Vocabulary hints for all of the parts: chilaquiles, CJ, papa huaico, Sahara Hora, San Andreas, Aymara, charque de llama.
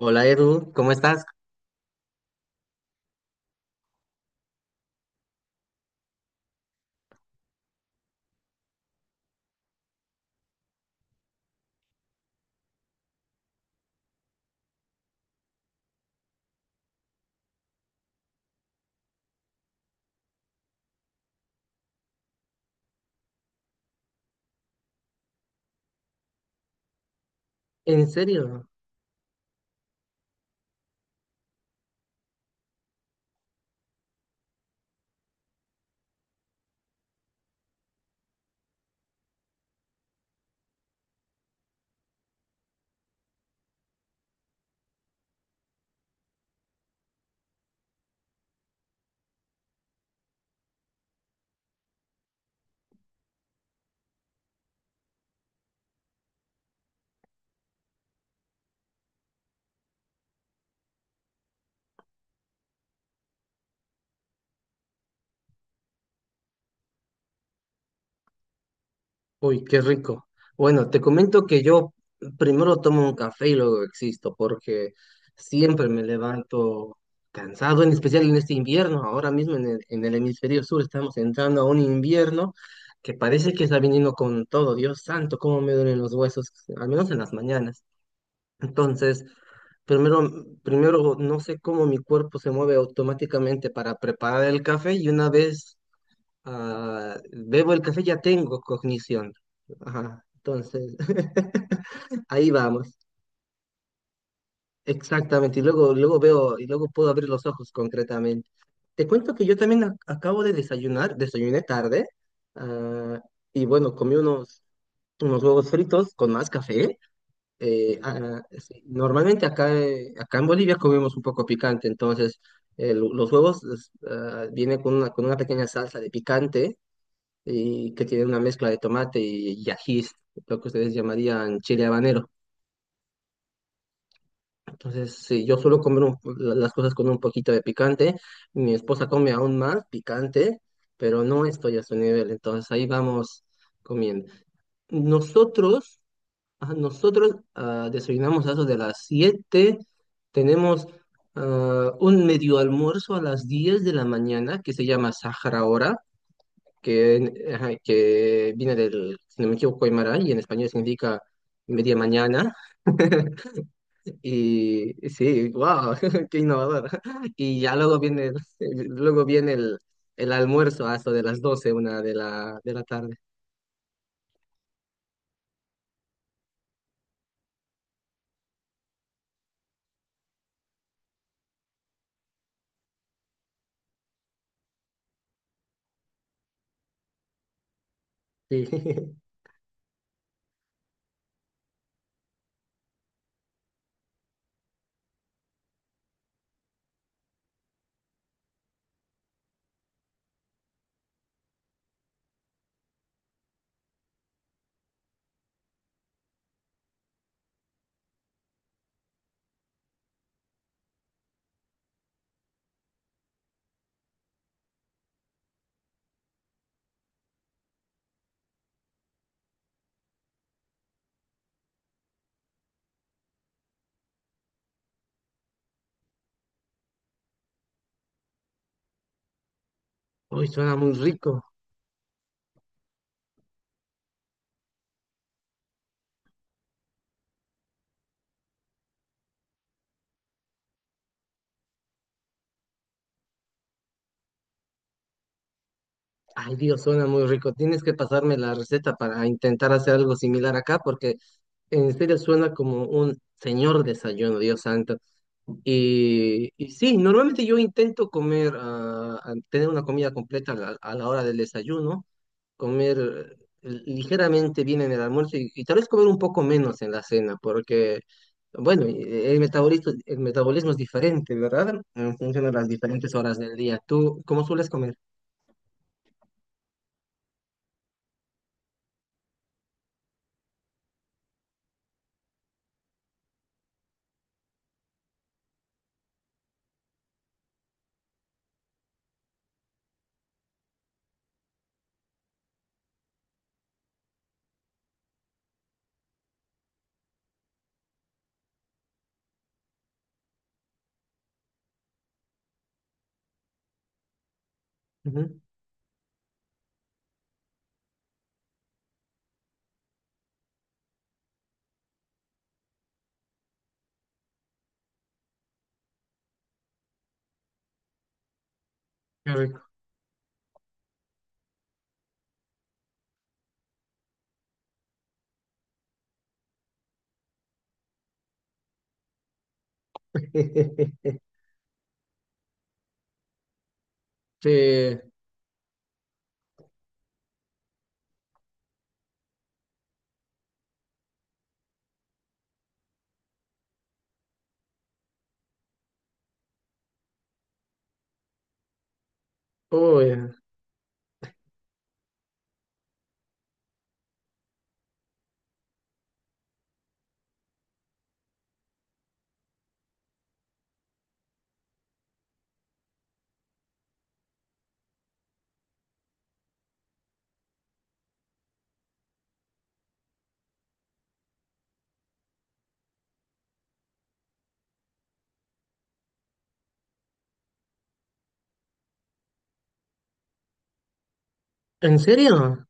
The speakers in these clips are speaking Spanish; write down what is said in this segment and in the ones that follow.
Hola Edu, ¿cómo estás? ¿En serio? Uy, qué rico. Bueno, te comento que yo primero tomo un café y luego existo, porque siempre me levanto cansado, en especial en este invierno. Ahora mismo en el hemisferio sur estamos entrando a un invierno que parece que está viniendo con todo. Dios santo, cómo me duelen los huesos, al menos en las mañanas. Entonces, Primero, primero no sé cómo mi cuerpo se mueve automáticamente para preparar el café y una vez bebo el café, ya tengo cognición. Ajá, entonces, ahí vamos. Exactamente. Y luego veo, y luego puedo abrir los ojos concretamente. Te cuento que yo también acabo de desayunar, desayuné tarde, ah, y bueno, comí unos huevos fritos con más café. Sí, normalmente acá, acá en Bolivia comemos un poco picante, entonces los huevos es, vienen con una pequeña salsa de picante y que tiene una mezcla de tomate y ají, lo que ustedes llamarían chile habanero. Entonces, sí, yo suelo comer las cosas con un poquito de picante, mi esposa come aún más picante, pero no estoy a su nivel, entonces ahí vamos comiendo. Nosotros, nosotros desayunamos a eso de las 7, tenemos un medio almuerzo a las 10 de la mañana que se llama Sahara Hora que, ajá, que viene del, si no me equivoco, Aymara, y en español significa media mañana. Y sí, wow, qué innovador. Y ya luego viene, luego viene el almuerzo hasta de las 12 una de la tarde. Sí. Uy, suena muy rico. Ay, Dios, suena muy rico. Tienes que pasarme la receta para intentar hacer algo similar acá, porque en serio suena como un señor desayuno, Dios santo. Y sí, normalmente yo intento comer, tener una comida completa a a la hora del desayuno, comer ligeramente bien en el almuerzo y tal vez comer un poco menos en la cena, porque, bueno, el metabolismo es diferente, ¿verdad? En función de las diferentes horas del día. ¿Tú cómo sueles comer? Ujú. Qué rico. Sí. Uy, ¿en serio?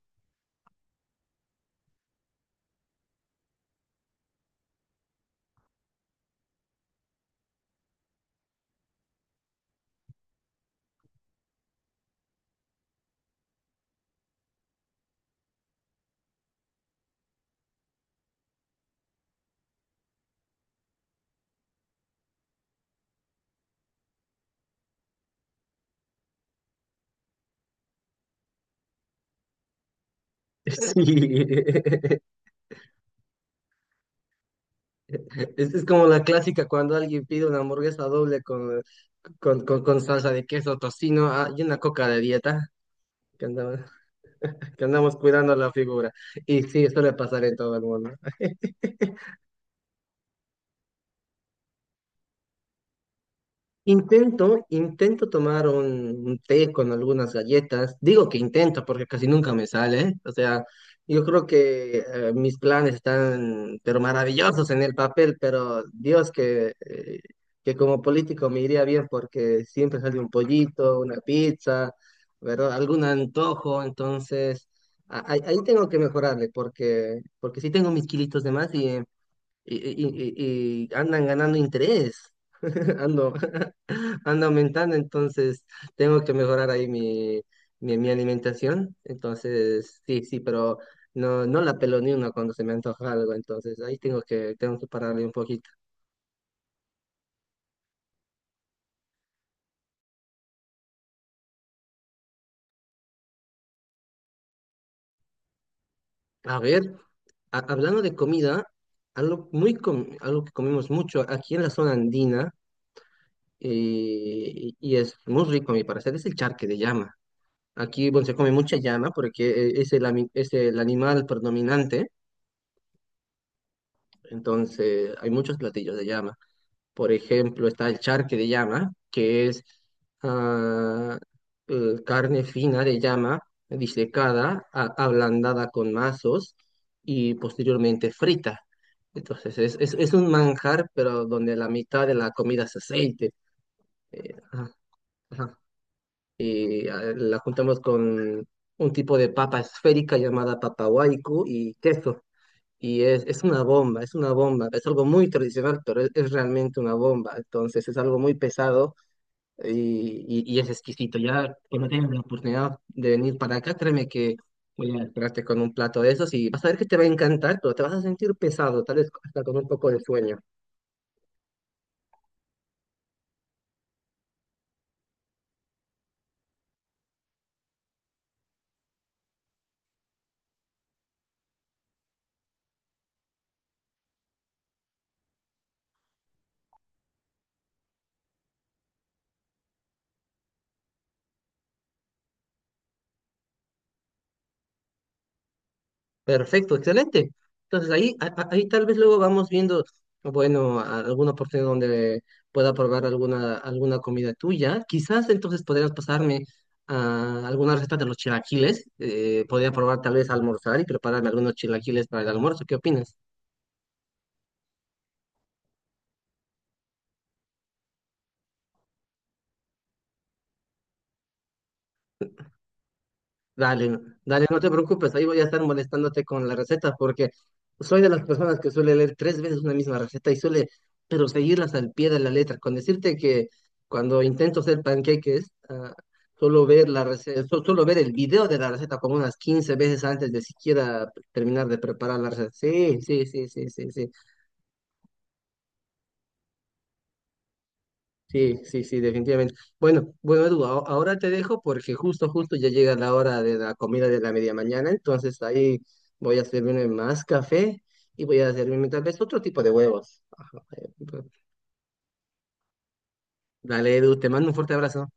Sí. Es como la clásica cuando alguien pide una hamburguesa doble con salsa de queso, tocino, y una coca de dieta, que andamos, que andamos cuidando la figura. Y sí, suele pasar en todo el mundo. Intento, intento tomar un té con algunas galletas. Digo que intento porque casi nunca me sale. O sea, yo creo que mis planes están, pero maravillosos en el papel, pero Dios que como político me iría bien porque siempre sale un pollito, una pizza, ¿verdad? Algún antojo. Entonces, ahí ahí tengo que mejorarle porque, porque sí tengo mis kilitos de más y, y andan ganando interés. Ando anda aumentando, entonces tengo que mejorar ahí mi, mi alimentación. Entonces, sí, sí, pero no, no la pelo ni una cuando se me antoja algo, entonces ahí tengo que pararle un poquito. A ver, hablando de comida, algo que comemos mucho aquí en la zona andina y es muy rico a mi parecer, es el charque de llama. Aquí, bueno, se come mucha llama porque es el animal predominante, entonces hay muchos platillos de llama. Por ejemplo, está el charque de llama, que es ah, carne fina de llama, disecada, ablandada con mazos y posteriormente frita. Entonces, es un manjar, pero donde la mitad de la comida es aceite. Ajá, ajá. Y la juntamos con un tipo de papa esférica llamada papa huaico y queso. Y es una bomba, es una bomba, es algo muy tradicional, pero es realmente una bomba. Entonces es algo muy pesado y, y es exquisito. Ya cuando tengas la oportunidad de venir para acá, créeme que voy a esperarte con un plato de esos y vas a ver que te va a encantar, pero te vas a sentir pesado, tal vez hasta con un poco de sueño. Perfecto, excelente. Entonces ahí, ahí tal vez luego vamos viendo, bueno, alguna oportunidad donde pueda probar alguna, alguna comida tuya. Quizás entonces podrías pasarme a alguna receta de los chilaquiles. Podría probar tal vez almorzar y prepararme algunos chilaquiles para el almuerzo. ¿Qué opinas? Dale, dale, no te preocupes, ahí voy a estar molestándote con la receta porque soy de las personas que suele leer tres veces una misma receta y suele, pero seguirlas al pie de la letra. Con decirte que cuando intento hacer panqueques, suelo ver la receta, suelo ver el video de la receta como unas 15 veces antes de siquiera terminar de preparar la receta. Sí, sí, sí, sí, sí, sí. Sí, sí, sí, definitivamente. Bueno, bueno, Edu, ahora te dejo porque justo, justo ya llega la hora de la comida de la media mañana, entonces ahí voy a servirme más café y voy a servirme tal vez otro tipo de huevos. Ajá, pues, dale, Edu, te mando un fuerte abrazo.